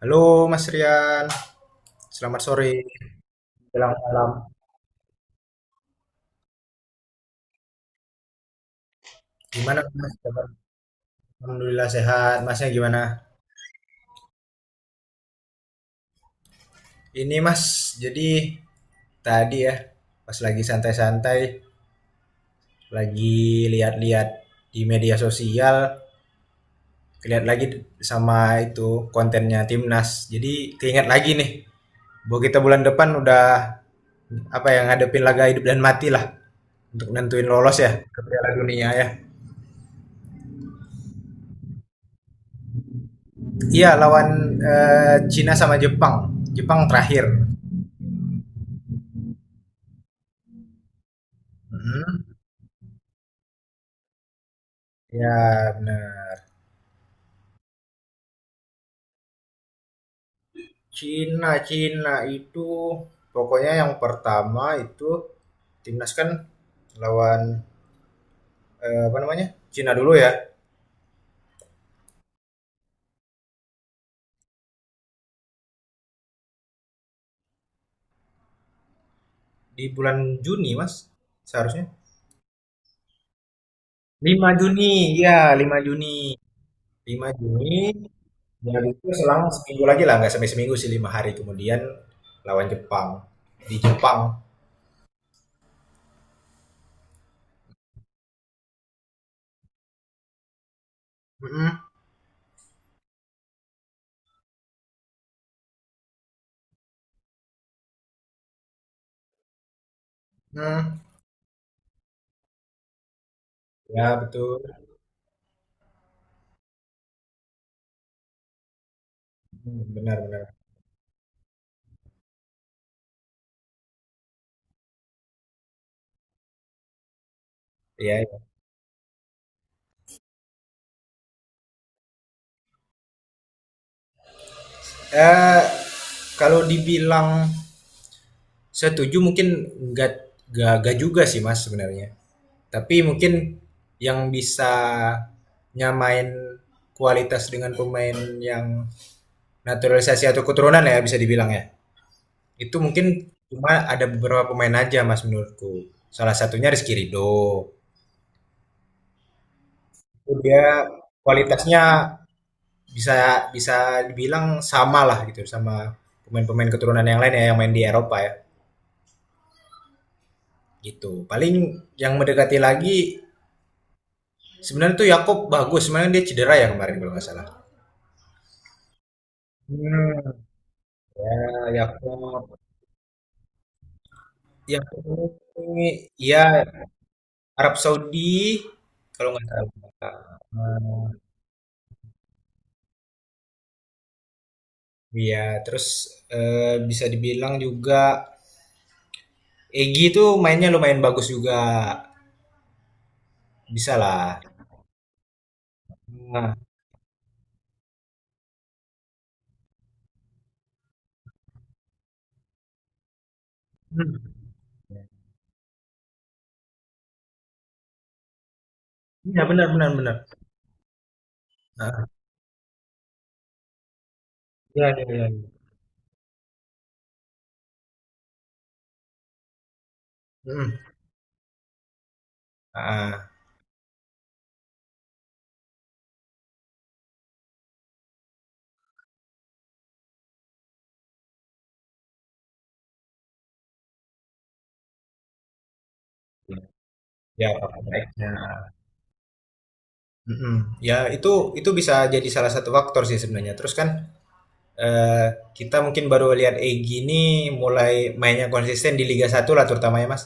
Halo Mas Rian, selamat sore. Selamat malam. Gimana Mas? Kabar? Alhamdulillah sehat. Masnya gimana? Ini Mas, jadi tadi ya, pas lagi santai-santai, lagi lihat-lihat di media sosial, lihat lagi sama itu kontennya Timnas. Jadi keinget lagi nih, bahwa kita bulan depan udah apa yang ngadepin laga hidup dan mati lah untuk nentuin lolos ya ke Piala Dunia ya. Iya lawan Cina sama Jepang. Jepang terakhir. Mhm. Ya, benar. Cina itu pokoknya yang pertama itu timnas kan lawan apa namanya? Cina dulu ya di bulan Juni, Mas. Seharusnya 5 Juni. Ya, 5 Juni. Lima Juni. Dan itu selang seminggu lagi lah, nggak sampai seminggu sih, lima hari kemudian lawan Jepang di Jepang. Mhm. Mhm. Ya, betul. Hmm, benar-benar. Ya, ya. Eh, kalau dibilang setuju mungkin nggak nggak juga sih Mas sebenarnya. Tapi mungkin yang bisa nyamain kualitas dengan pemain yang naturalisasi atau keturunan ya bisa dibilang ya. Itu mungkin cuma ada beberapa pemain aja Mas menurutku. Salah satunya Rizky Ridho. Itu dia kualitasnya bisa bisa dibilang sama lah gitu sama pemain-pemain keturunan yang lain ya yang main di Eropa ya gitu. Paling yang mendekati lagi sebenarnya tuh Yakob bagus, sebenarnya dia cedera ya kemarin kalau nggak salah. Hmm, ya Yakob. Yakob ini ya Arab Saudi kalau nggak salah. Hmm, iya, terus eh, bisa dibilang juga Egi tuh mainnya lumayan bagus juga. Bisa lah. Nah. Hmm. Iya, benar benar benar. Ah, ya. Mm-mm. Ah. Ya, apa? Baiknya. Mm-mm. Ya itu bisa jadi salah satu faktor sih sebenarnya. Terus kan Eee, kita mungkin baru lihat Egy ini mulai mainnya konsisten di Liga Satu lah terutama ya, Mas.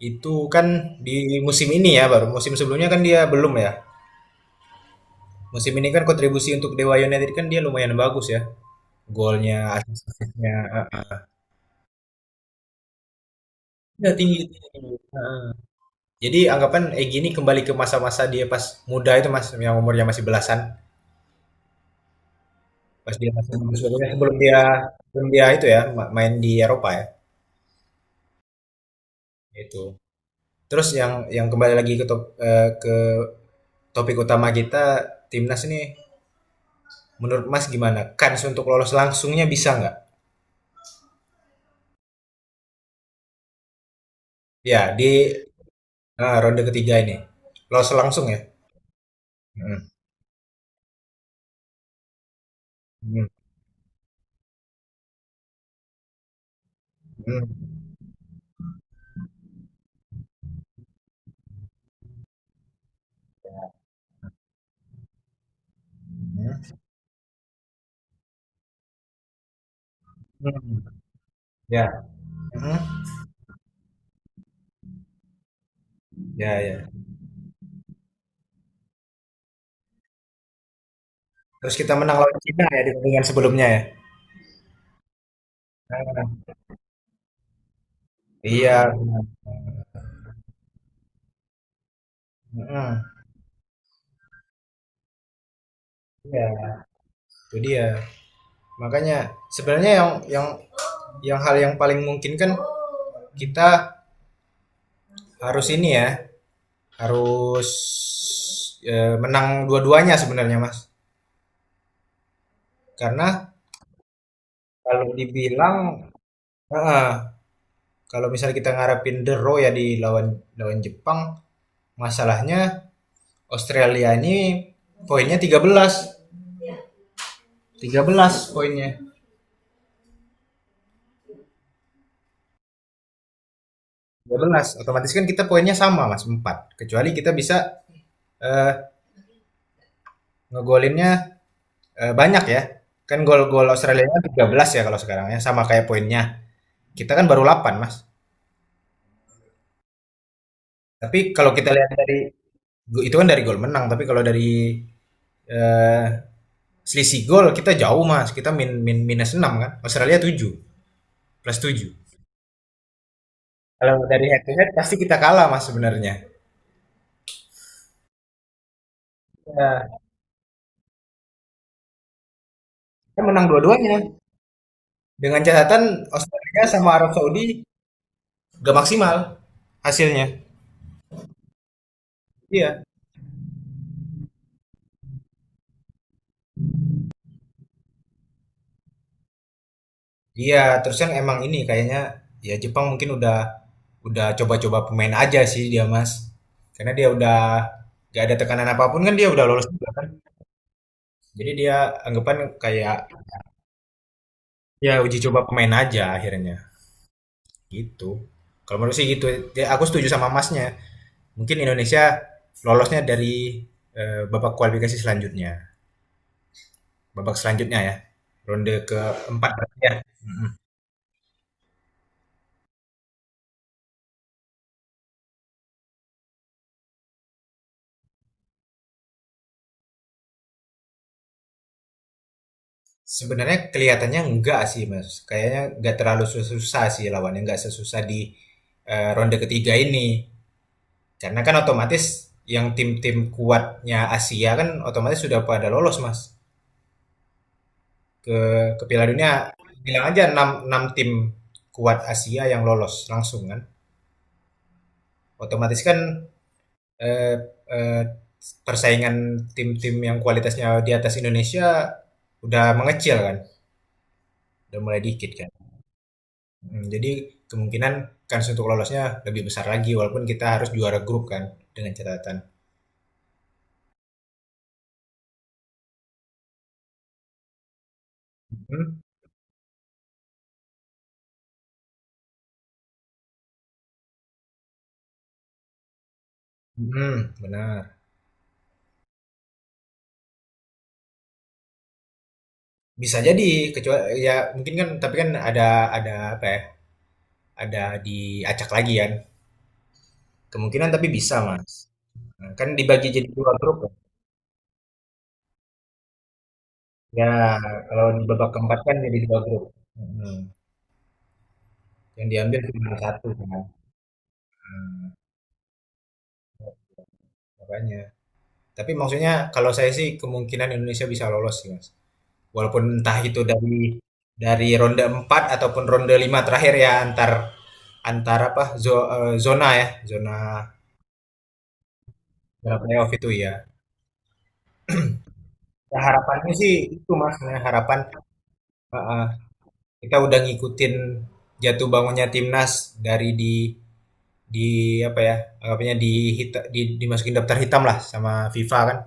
Itu kan di musim ini ya baru, musim sebelumnya kan dia belum ya. Musim ini kan kontribusi untuk Dewa United kan dia lumayan bagus ya, golnya, assist-assist-nya, heeh. Iya tinggi tinggi, heeh. Jadi anggapan Egy ini kembali ke masa-masa dia pas muda itu, Mas, yang umurnya masih belasan, pas dia masih sebelum dia sebelum dia itu ya ma main di Eropa ya, itu. Terus yang kembali lagi ke top topik utama kita timnas nih, menurut Mas gimana? Kans untuk lolos langsungnya bisa nggak? Ya di ronde ketiga ini lolos langsung ya. Hmm. Hmm. Hmm. Hmm. Hmm. Ya, hmm, ya, ya. Terus kita menang lawan Cina ya di pertandingan sebelumnya ya. Hmm. Iya. Hmm. Iya, itu dia. Makanya sebenarnya yang yang yang hal yang paling mungkin kan kita harus ini ya, harus menang dua-duanya sebenarnya Mas. Karena kalau dibilang, heeh, kalau misalnya kita ngarepin the Raw ya di lawan lawan Jepang, masalahnya Australia ini poinnya tiga belas poinnya. Tiga belas. Otomatis kan kita poinnya sama Mas, 4. Kecuali kita bisa eh, ngegolinnya banyak ya. Kan gol-gol Australia 13 ya kalau sekarang ya, sama kayak poinnya. Kita kan baru 8 Mas. Tapi kalau kita lihat dari itu kan dari gol menang, tapi kalau dari eh, selisih gol kita jauh mas, kita min, min minus 6 kan Australia 7 plus 7. Kalau dari head to head pasti kita kalah mas sebenarnya, ya, kita menang dua-duanya dengan catatan Australia sama Arab Saudi gak maksimal hasilnya. Iya. Iya, terus kan emang ini kayaknya ya Jepang mungkin udah coba-coba pemain aja sih dia mas, karena dia udah gak ada tekanan apapun kan dia udah lolos juga. Jadi dia anggapan kayak ya uji coba pemain aja akhirnya. Gitu. Kalau menurut sih gitu. Ya, aku setuju sama Masnya. Mungkin Indonesia lolosnya dari babak kualifikasi selanjutnya. Babak selanjutnya ya. Ronde keempat berarti ya. Sebenarnya kelihatannya enggak sih Mas. Kayaknya enggak terlalu susah sih lawannya. Enggak sesusah di ronde ketiga ini. Karena kan otomatis yang tim-tim kuatnya Asia kan otomatis sudah pada lolos Mas. Ke, ke Piala Dunia, bilang aja 6 6 tim kuat Asia yang lolos langsung kan. Otomatis kan eh, eh, persaingan tim-tim yang kualitasnya di atas Indonesia udah mengecil kan, udah mulai dikit kan. Hmm, jadi kemungkinan kans untuk lolosnya lebih besar lagi walaupun kita harus juara grup kan, dengan catatan. Hmm, hmm, benar. Bisa jadi, kecuali ya mungkin kan, tapi kan ada apa ya? Ada diacak lagi kan. Kemungkinan tapi bisa, Mas. Nah, kan dibagi jadi dua grup kan. Ya, kalau di babak keempat kan jadi dua grup. Hmm. Yang diambil cuma satu kan? Eee, makanya. Tapi maksudnya kalau saya sih kemungkinan Indonesia bisa lolos sih, Mas. Walaupun entah itu dari ronde 4 ataupun ronde 5 terakhir ya antar antar apa, zona ya, zona zona playoff itu ya. Ya harapannya sih itu, Mas, nah harapan, heeh, kita udah ngikutin jatuh bangunnya timnas dari di apa ya, anggapannya di hita di dimasukin daftar hitam lah sama FIFA kan.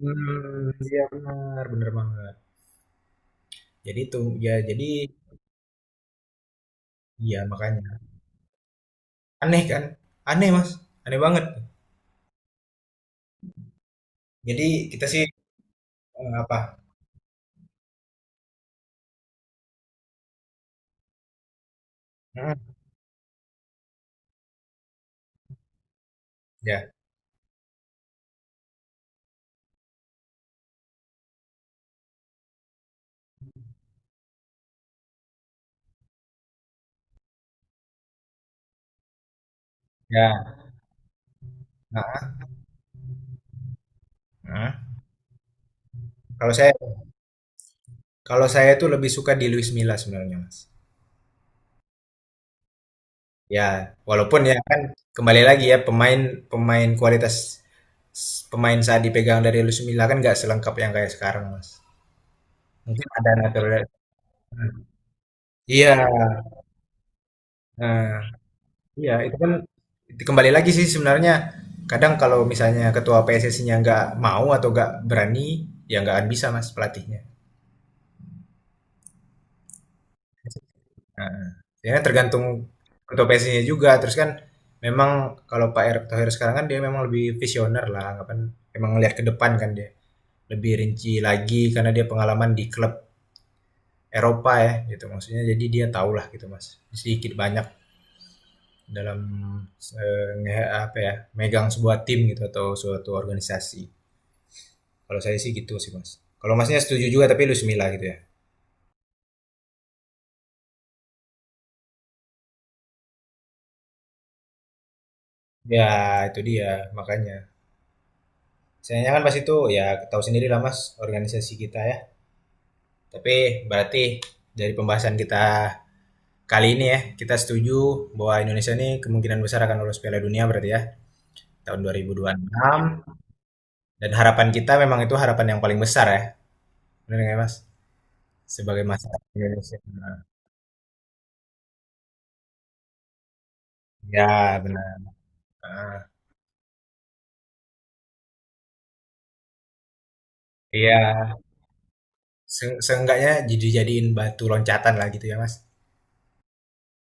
Hmm, iya benar, bener banget. Jadi itu, ya jadi iya makanya. Aneh kan? Aneh, Mas, aneh banget. Jadi kita sih, apa mhm, ya ya, heeh heeh. Kalau saya Kalau saya tuh lebih suka di Luis Milla sebenarnya, Mas. Ya, walaupun ya kan kembali lagi ya pemain pemain kualitas s pemain saat dipegang dari Luis Milla kan nggak selengkap yang kayak sekarang, Mas. Mungkin ada naturalisasi. Iya, heeh. Iya, itu kan kembali lagi sih sebenarnya kadang kalau misalnya ketua PSSI-nya nggak mau atau nggak berani, ya nggak akan bisa mas pelatihnya. Nah, ya kan tergantung ketua PSSI-nya juga. Terus kan memang kalau Pak Erick Thohir sekarang kan dia memang lebih visioner lah, anggapan emang ngelihat ke depan kan dia lebih rinci lagi karena dia pengalaman di klub Eropa ya gitu maksudnya. Jadi dia tahulah gitu mas, sedikit banyak dalam apa ya, megang sebuah tim gitu atau suatu organisasi. Kalau saya sih gitu sih mas. Kalau masnya setuju juga tapi lu semila gitu ya? Ya itu dia makanya. Sayangnya kan pas itu ya tahu sendiri lah mas organisasi kita ya. Tapi berarti dari pembahasan kita kali ini ya kita setuju bahwa Indonesia ini kemungkinan besar akan lolos Piala Dunia berarti ya tahun dua ribu enam. Dan harapan kita memang itu harapan yang paling besar ya, benar nggak ya, mas, sebagai masyarakat Indonesia. Ya benar. Ah, iya. Se- seenggaknya jadi jadiin batu loncatan lah gitu ya mas.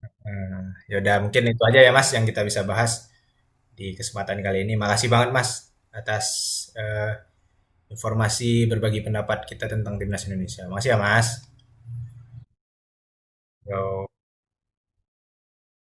Eee, ya udah mungkin itu aja ya, Mas, yang kita bisa bahas di kesempatan kali ini. Makasih banget, Mas, atas, eee, informasi berbagi pendapat kita tentang timnas Indonesia. Makasih ya, Mas. Yo.